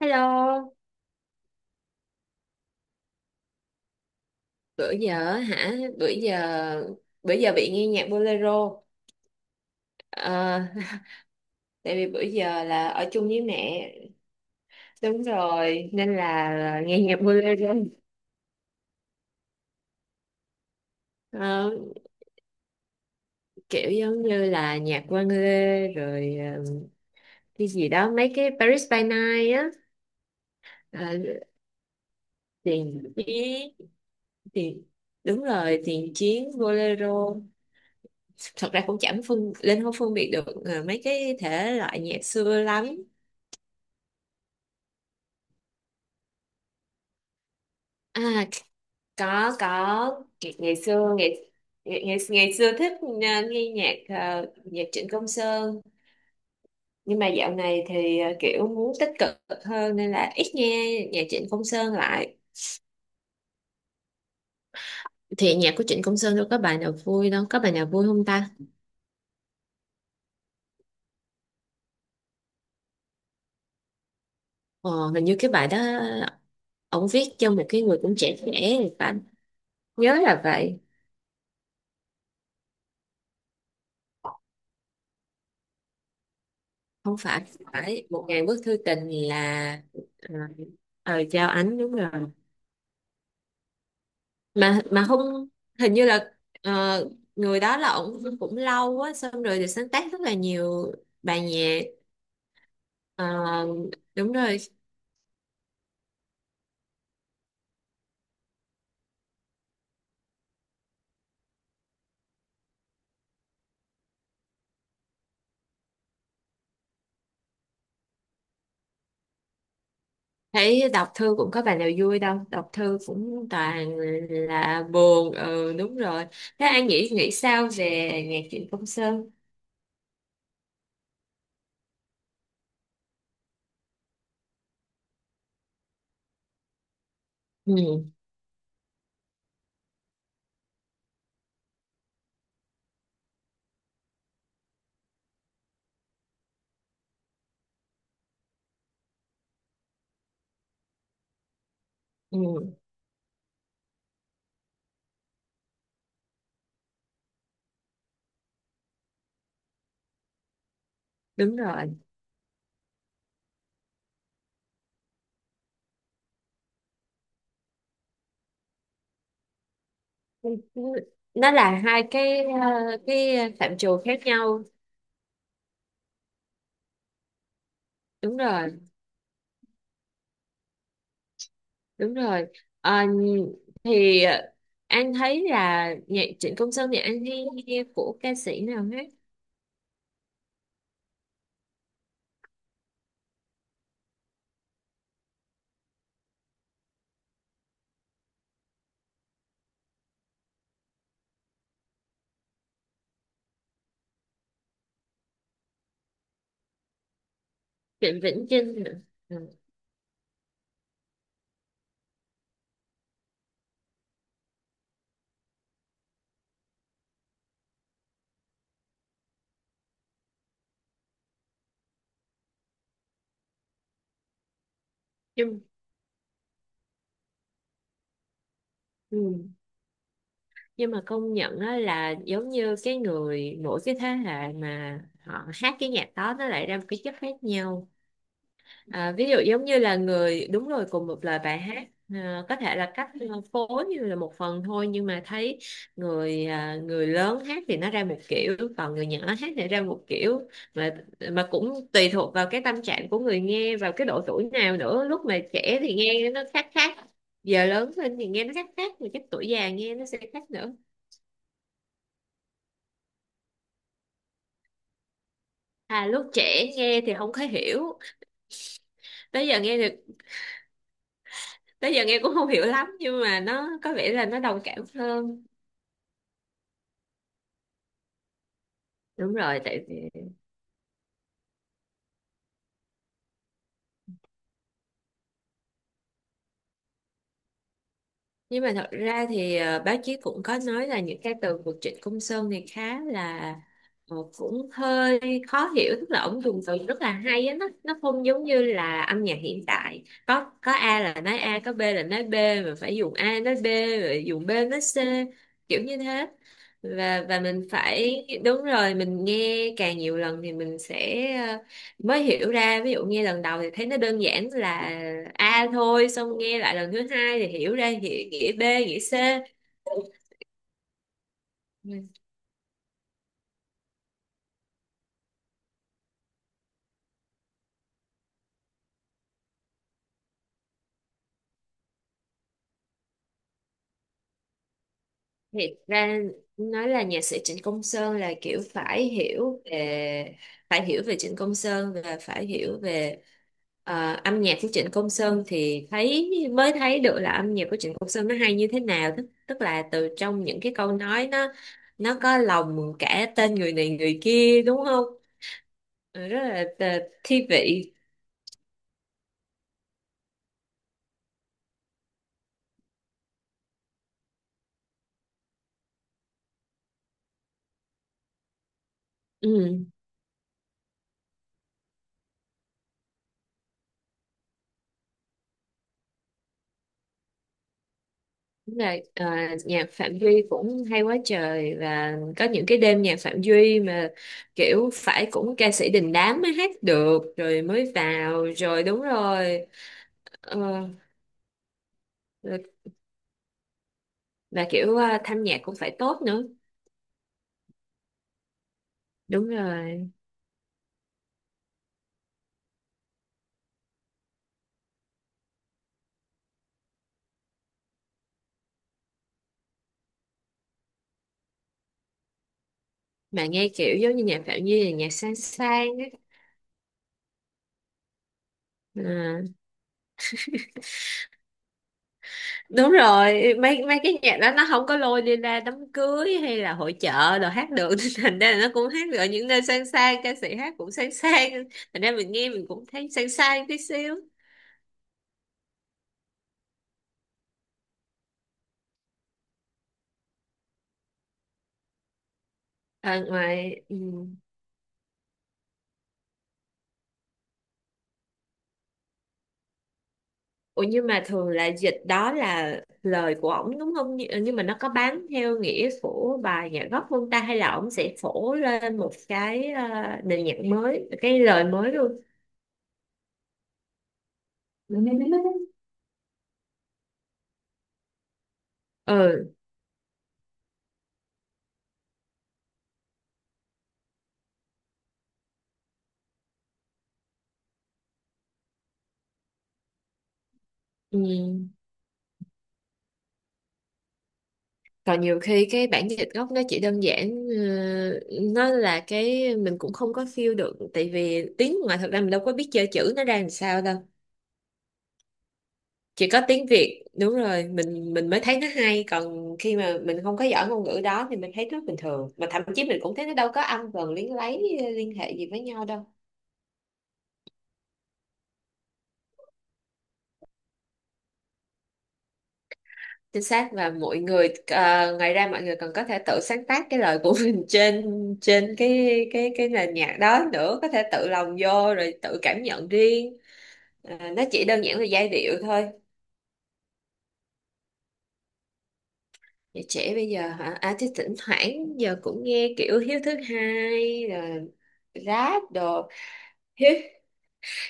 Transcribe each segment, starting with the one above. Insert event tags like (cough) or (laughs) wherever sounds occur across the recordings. Hello, bữa giờ hả? bữa giờ bị nghe nhạc bolero. Ờ, (laughs) Tại vì bữa giờ là ở chung với mẹ. Đúng rồi, nên là nghe nhạc bolero. Ờ, Kiểu giống như là nhạc Quang Lê rồi cái gì đó, mấy cái Paris by Night á. Ờ, Tiền chiến, tiền đúng rồi, tiền chiến bolero. Thật ra cũng chẳng phân lên không phân biệt được mấy cái thể loại nhạc xưa lắm. À, có ngày, ngày xưa ngày, ngày ngày ngày xưa thích, nghe nhạc, nhạc Trịnh Công Sơn, nhưng mà dạo này thì kiểu muốn tích cực hơn nên là ít nghe nhạc Trịnh Công Sơn lại. Thì nhạc của Trịnh Công Sơn đâu có bài nào vui, đâu có bài nào vui không ta? Ờ, Hình như cái bài đó ông viết cho một cái người cũng trẻ trẻ thì phải, nhớ là vậy. Không phải phải một ngàn bức thư tình là, à, Giao Ánh đúng rồi. Mà không, hình như là, ờ, người đó là ổng cũng lâu quá, xong rồi thì sáng tác rất là nhiều bài nhạc. Ờ, Đúng rồi. Thấy đọc thư cũng có bài nào vui đâu, đọc thư cũng toàn là buồn. Ừ, đúng rồi. Thế An nghĩ nghĩ sao về nhạc Trịnh Công Sơn? Ừ. Ừ, đúng rồi, nó là hai cái, cái phạm trù khác nhau. Đúng rồi. Đúng rồi. Ờ, thì anh thấy là nhạc Trịnh Công Sơn thì anh hay nghe của ca sĩ nào hết? Trịnh Vĩnh Chinh nữa. Ừ. nhưng ừ. Nhưng mà công nhận đó, là giống như cái người, mỗi cái thế hệ mà họ hát cái nhạc đó nó lại ra một cái chất khác nhau. À, ví dụ giống như là đúng rồi, cùng một lời bài hát, có thể là cách phối như là một phần thôi, nhưng mà thấy người lớn hát thì nó ra một kiểu, còn người nhỏ hát thì ra một kiểu. Mà cũng tùy thuộc vào cái tâm trạng của người nghe, vào cái độ tuổi nào nữa. Lúc mà trẻ thì nghe nó khác khác, giờ lớn lên thì nghe nó khác khác, mà cái tuổi già nghe nó sẽ khác nữa. Lúc trẻ nghe thì không có hiểu, tới giờ nghe được tới giờ nghe cũng không hiểu lắm, nhưng mà nó có vẻ là nó đồng cảm hơn. Đúng rồi, tại vì nhưng mà thật ra thì báo chí cũng có nói là những cái từ của Trịnh Công Sơn thì khá là, cũng hơi khó hiểu. Tức là ổng dùng từ rất là hay á, nó không giống như là âm nhạc hiện tại, có A là nói A, có B là nói B, mà phải dùng A nói B rồi dùng B nói C, kiểu như thế. Và mình phải, đúng rồi, mình nghe càng nhiều lần thì mình sẽ, mới hiểu ra. Ví dụ nghe lần đầu thì thấy nó đơn giản là A thôi, xong nghe lại lần thứ hai thì hiểu ra nghĩa, B, nghĩa C. Ừ. Thiệt ra nói là nhạc sĩ Trịnh Công Sơn là kiểu phải hiểu về Trịnh Công Sơn, và phải hiểu về âm nhạc của Trịnh Công Sơn thì mới thấy được là âm nhạc của Trịnh Công Sơn nó hay như thế nào. Tức tức là từ trong những cái câu nói, nó có lòng cả tên người này người kia, đúng không? Ừ, rất là thi vị. Ừ, đúng rồi. Ờ, Nhạc Phạm Duy cũng hay quá trời, và có những cái đêm nhạc Phạm Duy mà kiểu phải cũng ca sĩ đình đám mới hát được, rồi mới vào, rồi đúng rồi. ờ, rồi- và kiểu thanh nhạc cũng phải tốt nữa, đúng rồi. Mà nghe kiểu giống như nhạc Phạm Duy là nhạc sang sang á. Ờ. Đúng rồi, mấy mấy cái nhạc đó nó không có lôi đi ra đám cưới hay là hội chợ đồ hát được. (laughs) Nên thành ra là nó cũng hát được ở những nơi sang sang, ca sĩ hát cũng sang sang, thành ra mình nghe mình cũng thấy sang sang tí xíu. À, ngoài ừ. Ủa, nhưng mà thường là dịch, đó là lời của ổng đúng không? Nhưng mà nó có bán theo nghĩa của bài nhạc gốc không ta, hay là ổng sẽ phổ lên một cái, nền nhạc mới, cái lời mới luôn? Ừ. Ừ, ừ. Còn nhiều khi cái bản dịch gốc nó chỉ đơn giản, nó là cái mình cũng không có feel được, tại vì tiếng ngoài thật ra mình đâu có biết chơi chữ nó ra làm sao đâu. Chỉ có tiếng Việt đúng rồi, mình mới thấy nó hay, còn khi mà mình không có giỏi ngôn ngữ đó thì mình thấy rất bình thường, mà thậm chí mình cũng thấy nó đâu có âm vần liên hệ gì với nhau đâu. Chính xác. Và mọi người ngoài ra mọi người còn có thể tự sáng tác cái lời của (laughs) mình trên, cái nền nhạc đó nữa, có thể tự lồng vô rồi tự cảm nhận riêng. À, nó chỉ đơn giản là giai điệu thôi. Vậy trẻ bây giờ hả? Chứ thỉnh thoảng giờ cũng nghe kiểu Hiếu Thứ Hai rồi, rap đồ. Hiếu,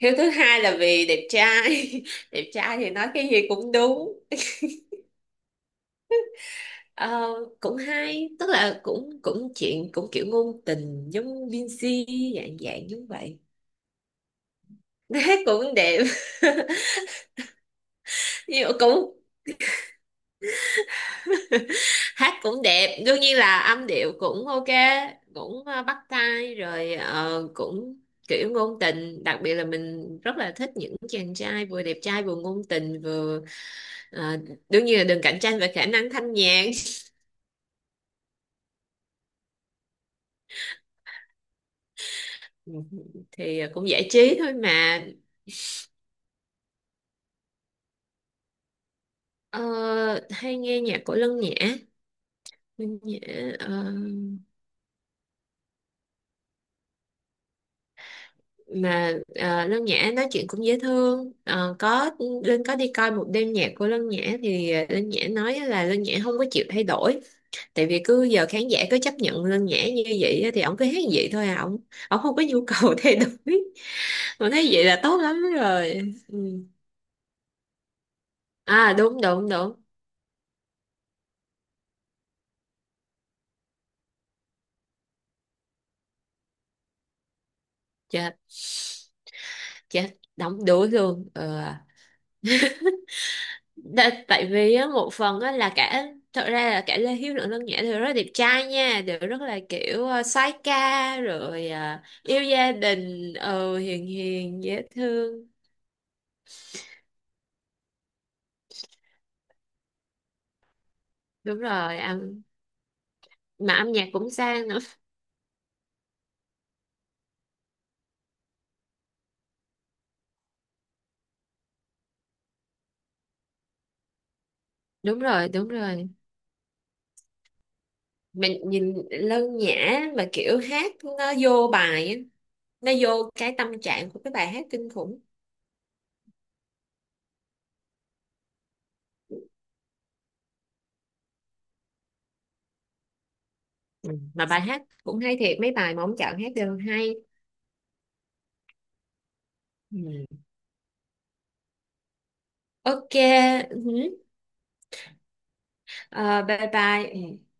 Hiếu Thứ Hai là vì đẹp trai, (laughs) đẹp trai thì nói cái gì cũng đúng. Ờ, Cũng hay, tức là cũng cũng chuyện cũng kiểu ngôn tình giống Binz, dạng dạng giống vậy. (laughs) Nó hát cũng đẹp. (laughs) Nhưng mà cũng hát cũng đẹp, đương nhiên là âm điệu cũng ok, cũng bắt tai, rồi cũng kiểu ngôn tình. Đặc biệt là mình rất là thích những chàng trai vừa đẹp trai vừa ngôn tình vừa, ờ, đương nhiên là đừng cạnh tranh về khả năng thanh nhạc. (laughs) Ừ, thì cũng giải trí thôi mà. Ờ, Hay nghe nhạc của Lân Nhã. Lân Nhã ờ, Lân Nhã nói chuyện cũng dễ thương. Ờ, có. Linh có đi coi một đêm nhạc của Lân Nhã thì Linh Nhã nói là Lân Nhã không có chịu thay đổi, tại vì cứ giờ khán giả cứ chấp nhận Lân Nhã như vậy á, thì ổng cứ hát như vậy thôi à, ổng ổng không có nhu cầu (laughs) thay đổi, mà thấy vậy là tốt lắm rồi. Ừ. Đúng, đúng, đúng. Chết, chết, đóng đuối luôn. Ừ. Tại vì á, một phần á, là cả thật ra là cả Lê Hiếu lẫn Lân Nhã đều rất là đẹp trai nha, đều rất là kiểu soái ca, rồi yêu gia đình, ừ, hiền hiền dễ thương. Đúng rồi. Âm nhạc cũng sang nữa. (laughs) Đúng rồi, đúng rồi. Mình nhìn Lân Nhã mà kiểu hát, nó vô bài á, nó vô cái tâm trạng của cái bài hát kinh khủng. Ừ. Mà bài hát cũng hay thiệt, mấy bài mà ông chọn hát đều hay. Ừ. Ok. Ừ. Ờ, bye bye. Ừ.